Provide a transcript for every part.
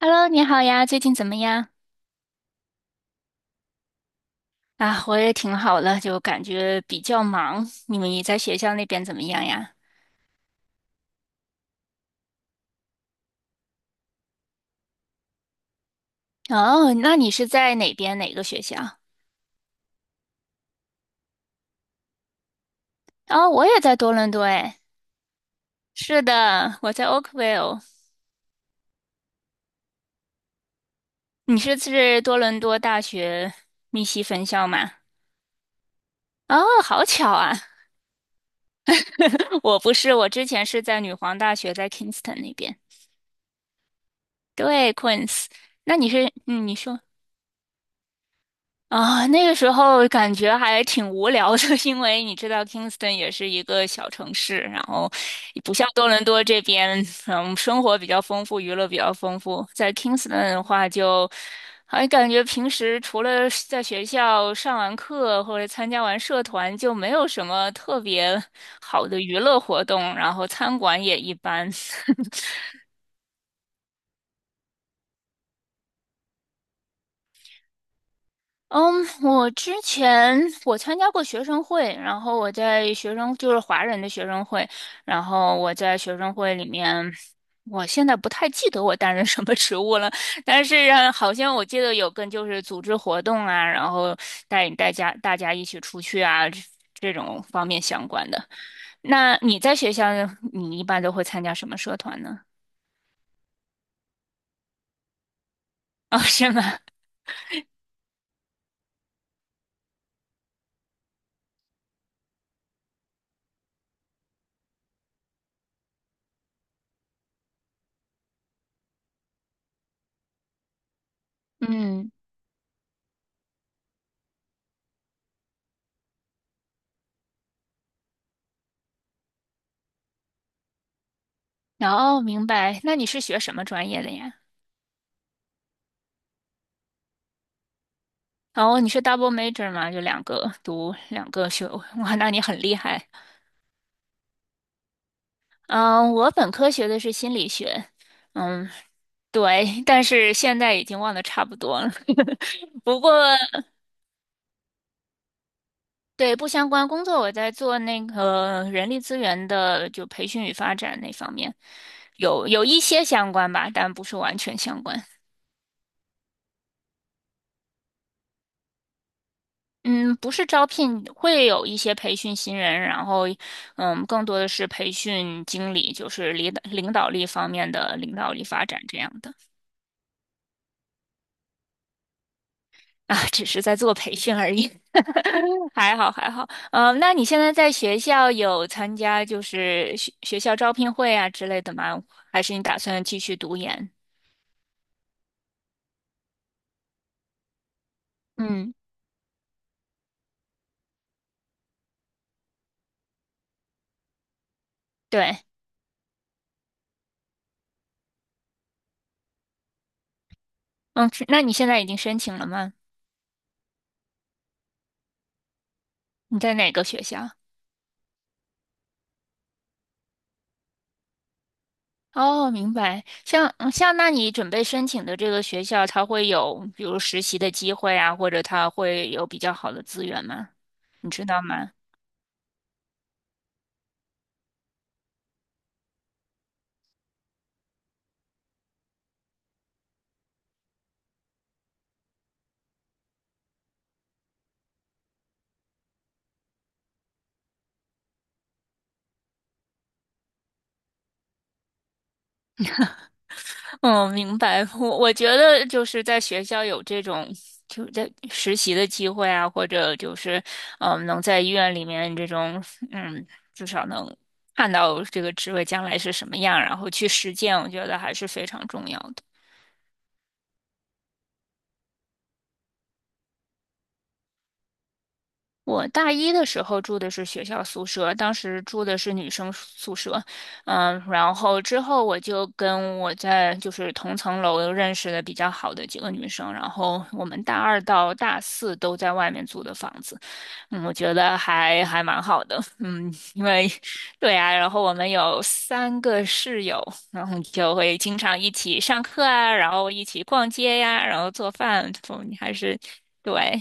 Hello，你好呀，最近怎么样？啊，我也挺好的，就感觉比较忙。你们也在学校那边怎么样呀？哦，那你是在哪边哪个学校？哦，我也在多伦多诶。是的，我在 Oakville。你是多伦多大学密西分校吗？哦，好巧啊！我不是，我之前是在女皇大学，在 Kingston 那边。对，Queens。那你是，你说。啊，那个时候感觉还挺无聊的，因为你知道 Kingston 也是一个小城市，然后也不像多伦多这边，嗯，生活比较丰富，娱乐比较丰富。在 Kingston 的话就，还感觉平时除了在学校上完课或者参加完社团，就没有什么特别好的娱乐活动，然后餐馆也一般。嗯，我之前我参加过学生会，然后我在学生就是华人的学生会，然后我在学生会里面，我现在不太记得我担任什么职务了，但是好像我记得有跟就是组织活动啊，然后带大家一起出去啊这种方面相关的。那你在学校你一般都会参加什么社团呢？哦，是吗？嗯，哦，明白。那你是学什么专业的呀？哦，你是 double major 吗？就两个读两个学位，哇，那你很厉害。嗯，我本科学的是心理学，嗯，对，但是现在已经忘得差不多了。不过，对，不相关工作，我在做那个人力资源的，就培训与发展那方面，有一些相关吧，但不是完全相关。嗯，不是招聘，会有一些培训新人，然后，嗯，更多的是培训经理，就是领导力方面的领导力发展这样的。啊，只是在做培训而已，还好还好。嗯，那你现在在学校有参加就是学校招聘会啊之类的吗？还是你打算继续读研？嗯，对，嗯，是那你现在已经申请了吗？你在哪个学校？哦，明白。像，那你准备申请的这个学校，它会有比如实习的机会啊，或者它会有比较好的资源吗？你知道吗？嗯，明白。我觉得就是在学校有这种就在实习的机会啊，或者就是嗯，能在医院里面这种嗯，至少能看到这个职位将来是什么样，然后去实践，我觉得还是非常重要的。我大一的时候住的是学校宿舍，当时住的是女生宿舍，嗯，然后之后我就跟我在就是同层楼认识的比较好的几个女生，然后我们大二到大四都在外面租的房子，嗯，我觉得还蛮好的，嗯，因为对啊，然后我们有3个室友，然后就会经常一起上课啊，然后一起逛街呀，然后做饭，嗯还是对。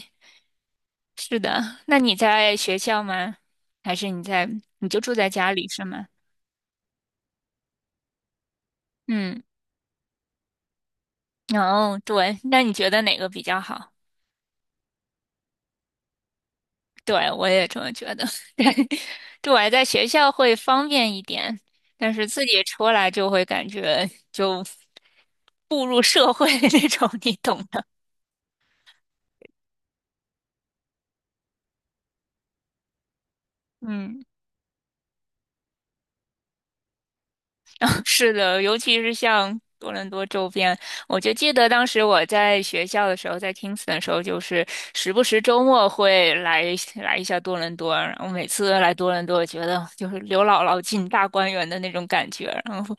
是的，那你在学校吗？还是你在，你就住在家里是吗？嗯，哦，对，那你觉得哪个比较好？对，我也这么觉得。对，对，我在学校会方便一点，但是自己出来就会感觉就步入社会 那种，你懂的。嗯。是的，尤其是像多伦多周边，我就记得当时我在学校的时候，在 Kingston 的时候，就是时不时周末会来一下多伦多。然后每次来多伦多，我觉得就是刘姥姥进大观园的那种感觉，然后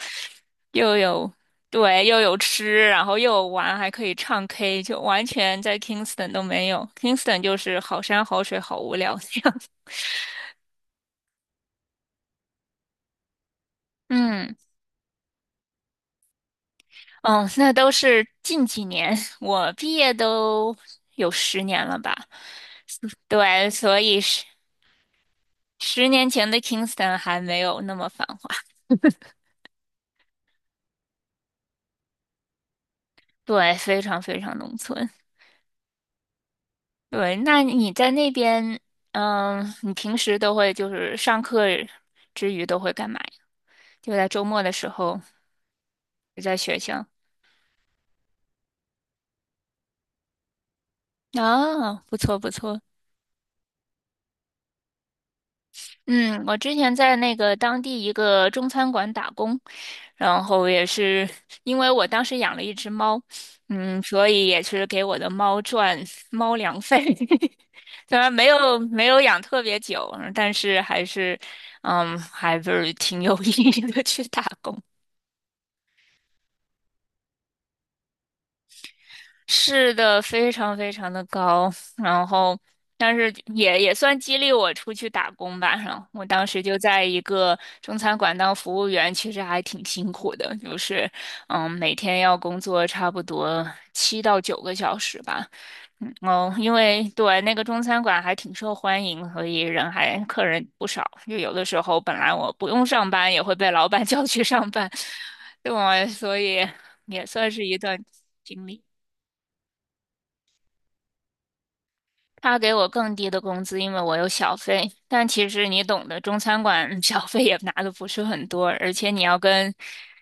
又有对，又有吃，然后又有玩，还可以唱 K，就完全在 Kingston 都没有。Kingston 就是好山好水好无聊这样。嗯。嗯，那都是近几年，我毕业都有十年了吧？对，所以十年前的 Kingston 还没有那么繁华，对，非常非常农村。对，那你在那边，嗯，你平时都会就是上课之余都会干嘛呀？就在周末的时候，就在学校。啊，不错不错。嗯，我之前在那个当地一个中餐馆打工，然后也是因为我当时养了1只猫，嗯，所以也是给我的猫赚猫粮费。虽然没有养特别久，但是还是，嗯，还是挺有意义的去打工。是的，非常非常的高，然后但是也算激励我出去打工吧。然后我当时就在一个中餐馆当服务员，其实还挺辛苦的，就是嗯，每天要工作差不多7到9个小时吧。哦，因为对那个中餐馆还挺受欢迎，所以人还客人不少。就有的时候本来我不用上班，也会被老板 叫去上班，对我，所以也算是一段经历。他给我更低的工资，因为我有小费。但其实你懂的，中餐馆 小费也拿的不是很多，而且你要跟，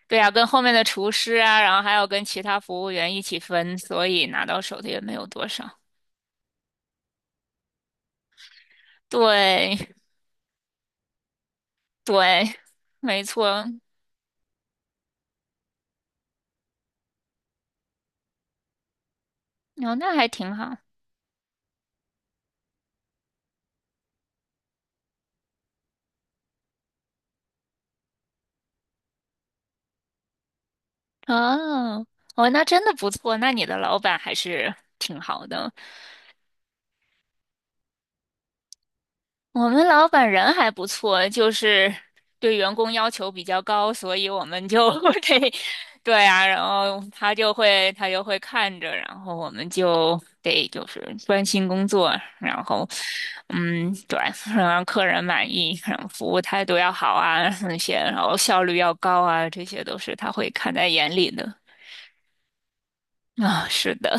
对啊，跟后面的厨师啊，然后还要跟其他服务员一起分，所以拿到手的也没有多少。对对，没错，哦，那还挺好。哦哦，那真的不错，那你的老板还是挺好的。我们老板人还不错，就是对员工要求比较高，所以我们就 得，对啊，然后他就会看着，然后我们就得就是专心工作，然后嗯，对，让客人满意，然后服务态度要好啊，那些，然后效率要高啊，这些都是他会看在眼里的。啊、是的，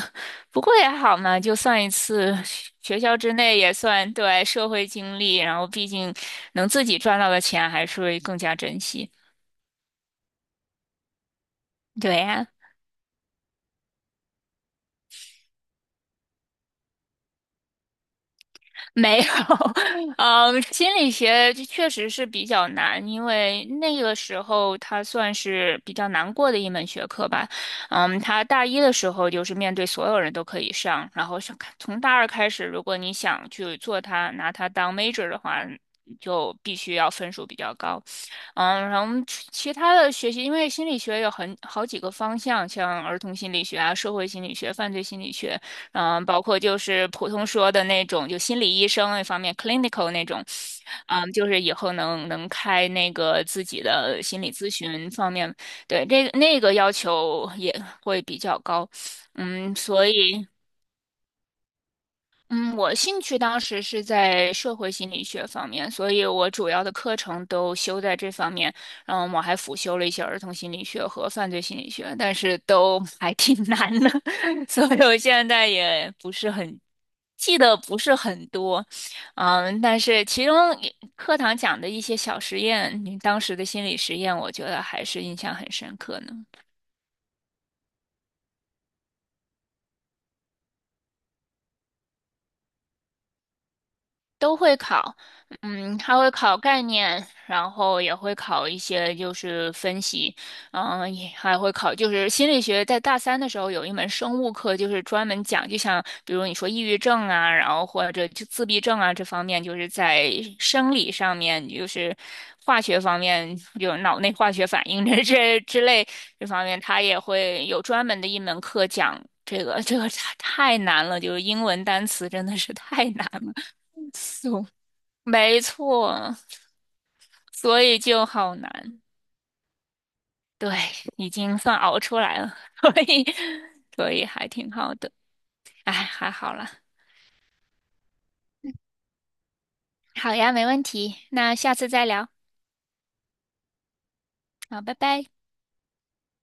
不过也好嘛，就算一次学校之内也算对社会经历，然后毕竟能自己赚到的钱还是会更加珍惜。对呀、没有，嗯，心理学这确实是比较难，因为那个时候它算是比较难过的一门学科吧。嗯，它大一的时候就是面对所有人都可以上，然后上从大二开始，如果你想去做它，拿它当 major 的话，就必须要分数比较高。嗯，然后其他的学习，因为心理学有很好几个方向，像儿童心理学啊、社会心理学、犯罪心理学。嗯，包括就是普通说的那种，就心理医生那方面，clinical 那种，嗯，就是以后能开那个自己的心理咨询方面，对，这个那个要求也会比较高，嗯，所以。嗯，我兴趣当时是在社会心理学方面，所以我主要的课程都修在这方面。然后我还辅修了一些儿童心理学和犯罪心理学，但是都 还挺难的，所以我现在也不是很记得不是很多。嗯，但是其中也课堂讲的一些小实验，你当时的心理实验，我觉得还是印象很深刻呢。都会考，嗯，他会考概念，然后也会考一些就是分析，嗯，也还会考就是心理学，在大三的时候有一门生物课，就是专门讲，就像比如你说抑郁症啊，然后或者就自闭症啊这方面，就是在生理上面，就是化学方面，有脑内化学反应这之类这方面，他也会有专门的一门课讲。这个太难了，就是英文单词真的是太难了。所没错，所以就好难。对，已经算熬出来了，所以所以还挺好的。哎，还好啦。好呀，没问题。那下次再聊。好，拜拜。